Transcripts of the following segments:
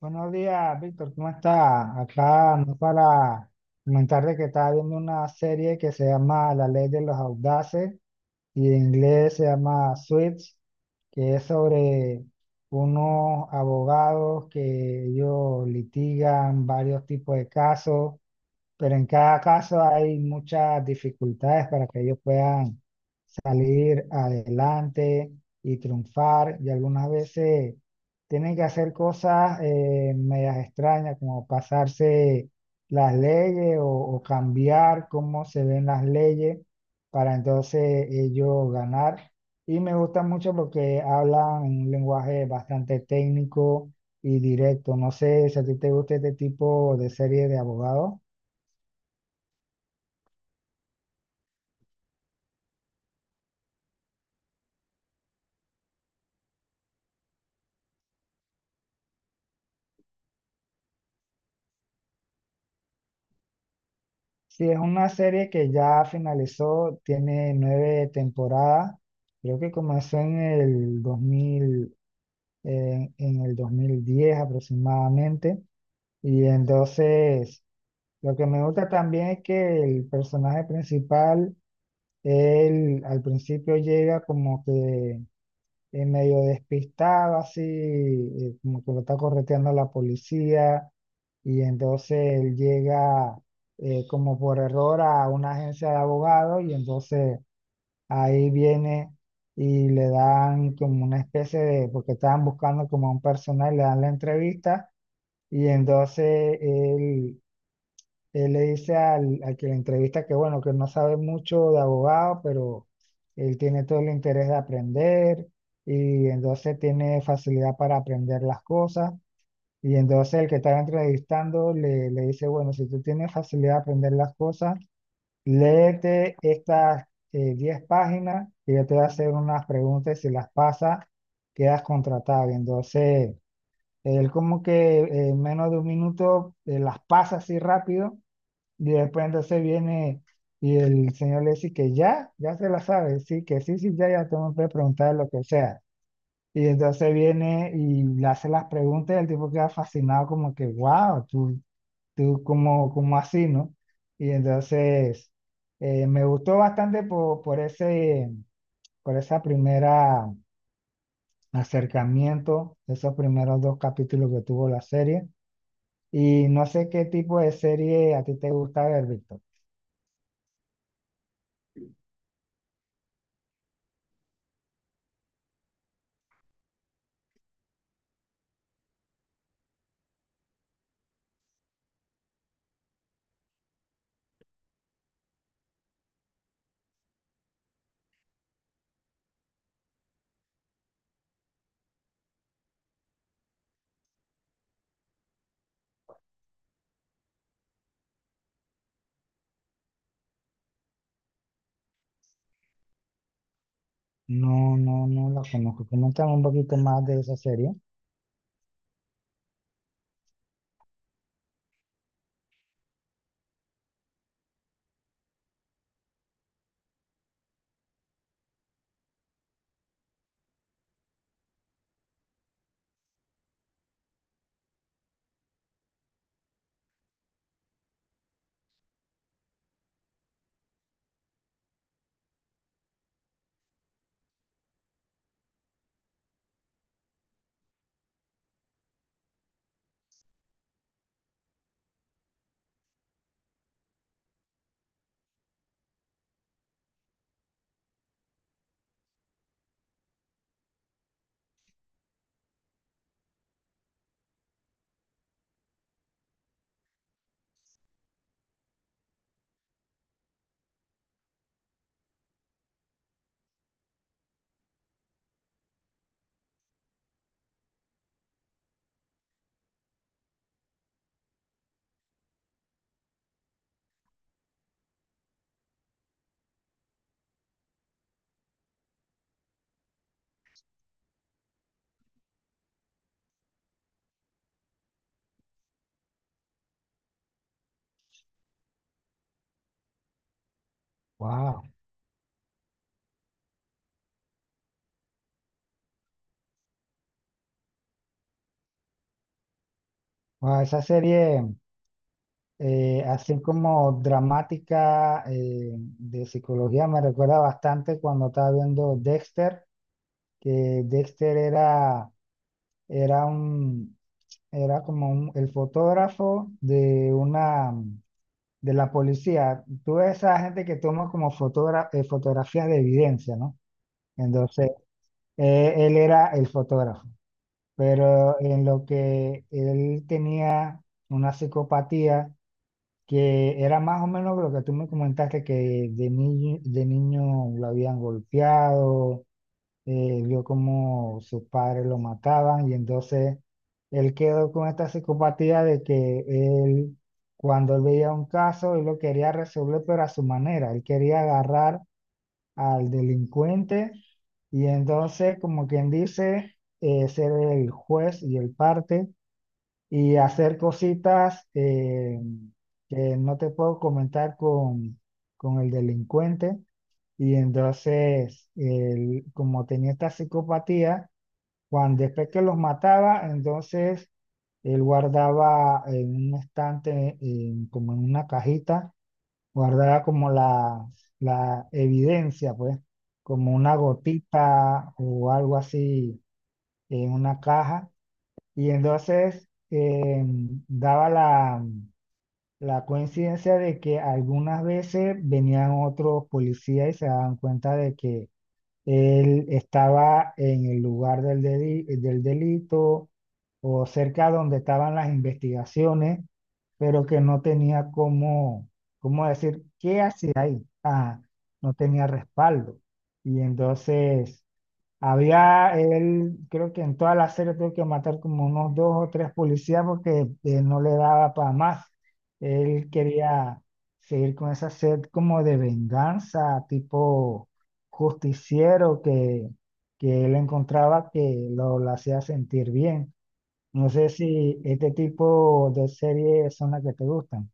Buenos días, Víctor, ¿cómo está? Acá no para comentar de que estaba viendo una serie que se llama La Ley de los Audaces y en inglés se llama Suits, que es sobre unos abogados que ellos litigan varios tipos de casos, pero en cada caso hay muchas dificultades para que ellos puedan salir adelante y triunfar. Y algunas veces tienen que hacer cosas medias extrañas, como pasarse las leyes o cambiar cómo se ven las leyes para entonces ellos ganar. Y me gusta mucho porque hablan en un lenguaje bastante técnico y directo. No sé si a ti te gusta este tipo de serie de abogados. Sí, es una serie que ya finalizó, tiene 9 temporadas. Creo que comenzó en el 2000, en el 2010 aproximadamente. Y entonces, lo que me gusta también es que el personaje principal, él al principio llega como que medio despistado, así, como que lo está correteando la policía, y entonces él llega como por error a una agencia de abogados, y entonces ahí viene y le dan como una especie de, porque estaban buscando como a un personal, le dan la entrevista, y entonces él le dice al que le entrevista que bueno, que no sabe mucho de abogado, pero él tiene todo el interés de aprender y entonces tiene facilidad para aprender las cosas. Y entonces el que está entrevistando le dice, bueno, si tú tienes facilidad de aprender las cosas, léete estas 10 páginas y yo te voy a hacer unas preguntas, y si las pasas, quedas contratado. Y entonces él como que en menos de un minuto las pasa así rápido, y después entonces viene y el señor le dice que ya, ya se la sabe, sí, que sí, sí, ya, ya, tú me puedes preguntar lo que sea. Y entonces viene y le hace las preguntas y el tipo queda fascinado como que, wow, tú, como, como así, ¿no? Y entonces me gustó bastante por por esa primera acercamiento, esos primeros dos capítulos que tuvo la serie. Y no sé qué tipo de serie a ti te gusta ver, Víctor. No, no, no la conozco. Coméntame un poquito más de esa serie. Wow. Wow, esa serie, así como dramática, de psicología, me recuerda bastante cuando estaba viendo Dexter, que Dexter era, era un, era como el fotógrafo de una, de la policía. Tú ves esa gente que toma como fotografías de evidencia, ¿no? Entonces, él era el fotógrafo, pero en lo que él tenía una psicopatía que era más o menos lo que tú me comentaste, que de niño lo habían golpeado, vio como sus padres lo mataban y entonces él quedó con esta psicopatía de que él, cuando él veía un caso, él lo quería resolver pero a su manera, él quería agarrar al delincuente y entonces, como quien dice, ser el juez y el parte y hacer cositas que no te puedo comentar con el delincuente. Y entonces, él, como tenía esta psicopatía, cuando después que los mataba, entonces él guardaba en un estante, como en una cajita guardaba como la evidencia, pues, como una gotita o algo así en una caja. Y entonces daba la coincidencia de que algunas veces venían otros policías y se daban cuenta de que él estaba en el lugar del delito o cerca donde estaban las investigaciones, pero que no tenía cómo decir qué hacía ahí. Ah, no tenía respaldo. Y entonces había él, creo que en toda la serie tuvo que matar como unos 2 o 3 policías porque no le daba para más. Él quería seguir con esa sed como de venganza, tipo justiciero que él encontraba que lo hacía sentir bien. No sé si este tipo de series son las que te gustan.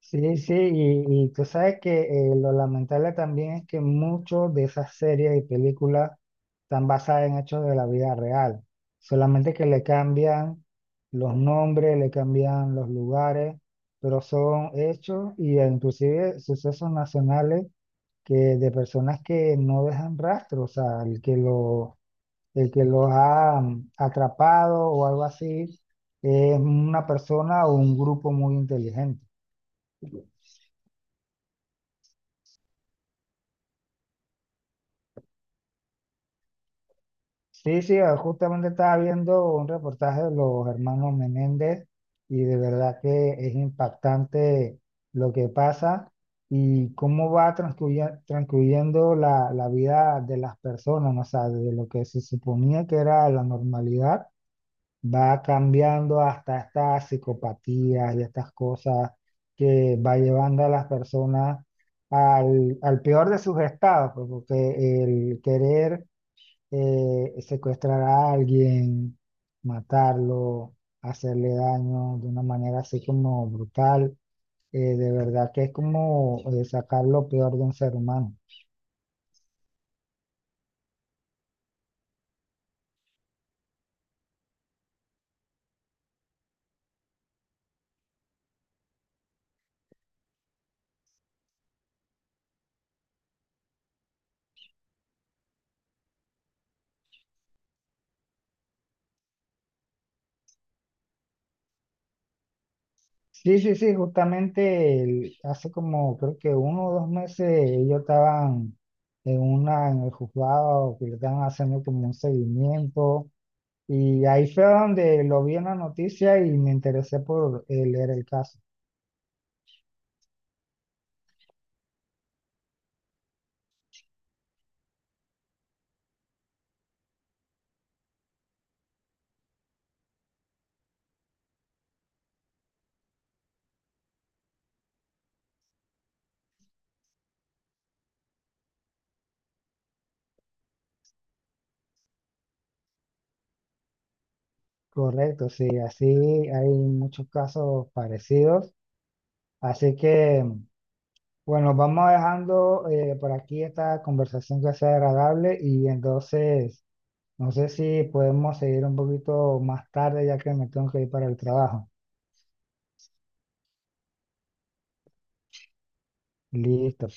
Sí, sí, y tú sabes que lo lamentable también es que muchos de esas series y películas están basadas en hechos de la vida real, solamente que le cambian los nombres, le cambian los lugares, pero son hechos y, inclusive sucesos nacionales, que de personas que no dejan rastro, o sea, el el que los ha atrapado o algo así es una persona o un grupo muy inteligente. Sí, sí, ah, justamente estaba viendo un reportaje de los hermanos Menéndez y de verdad que es impactante lo que pasa y cómo va transcurriendo la vida de las personas, ¿no? O sea, de lo que se suponía que era la normalidad, va cambiando hasta estas psicopatías y estas cosas que va llevando a las personas al peor de sus estados, pues, porque el querer secuestrar a alguien, matarlo, hacerle daño de una manera así como brutal, de verdad que es como sacar lo peor de un ser humano. Sí, sí, sí, justamente hace como creo que 1 o 2 meses ellos estaban en una, en el juzgado, que le estaban haciendo como un seguimiento. Y ahí fue donde lo vi en la noticia y me interesé por leer el caso. Correcto, sí, así hay muchos casos parecidos. Así que, bueno, vamos dejando por aquí esta conversación, que sea agradable, y entonces, no sé si podemos seguir un poquito más tarde, ya que me tengo que ir para el trabajo. Listo.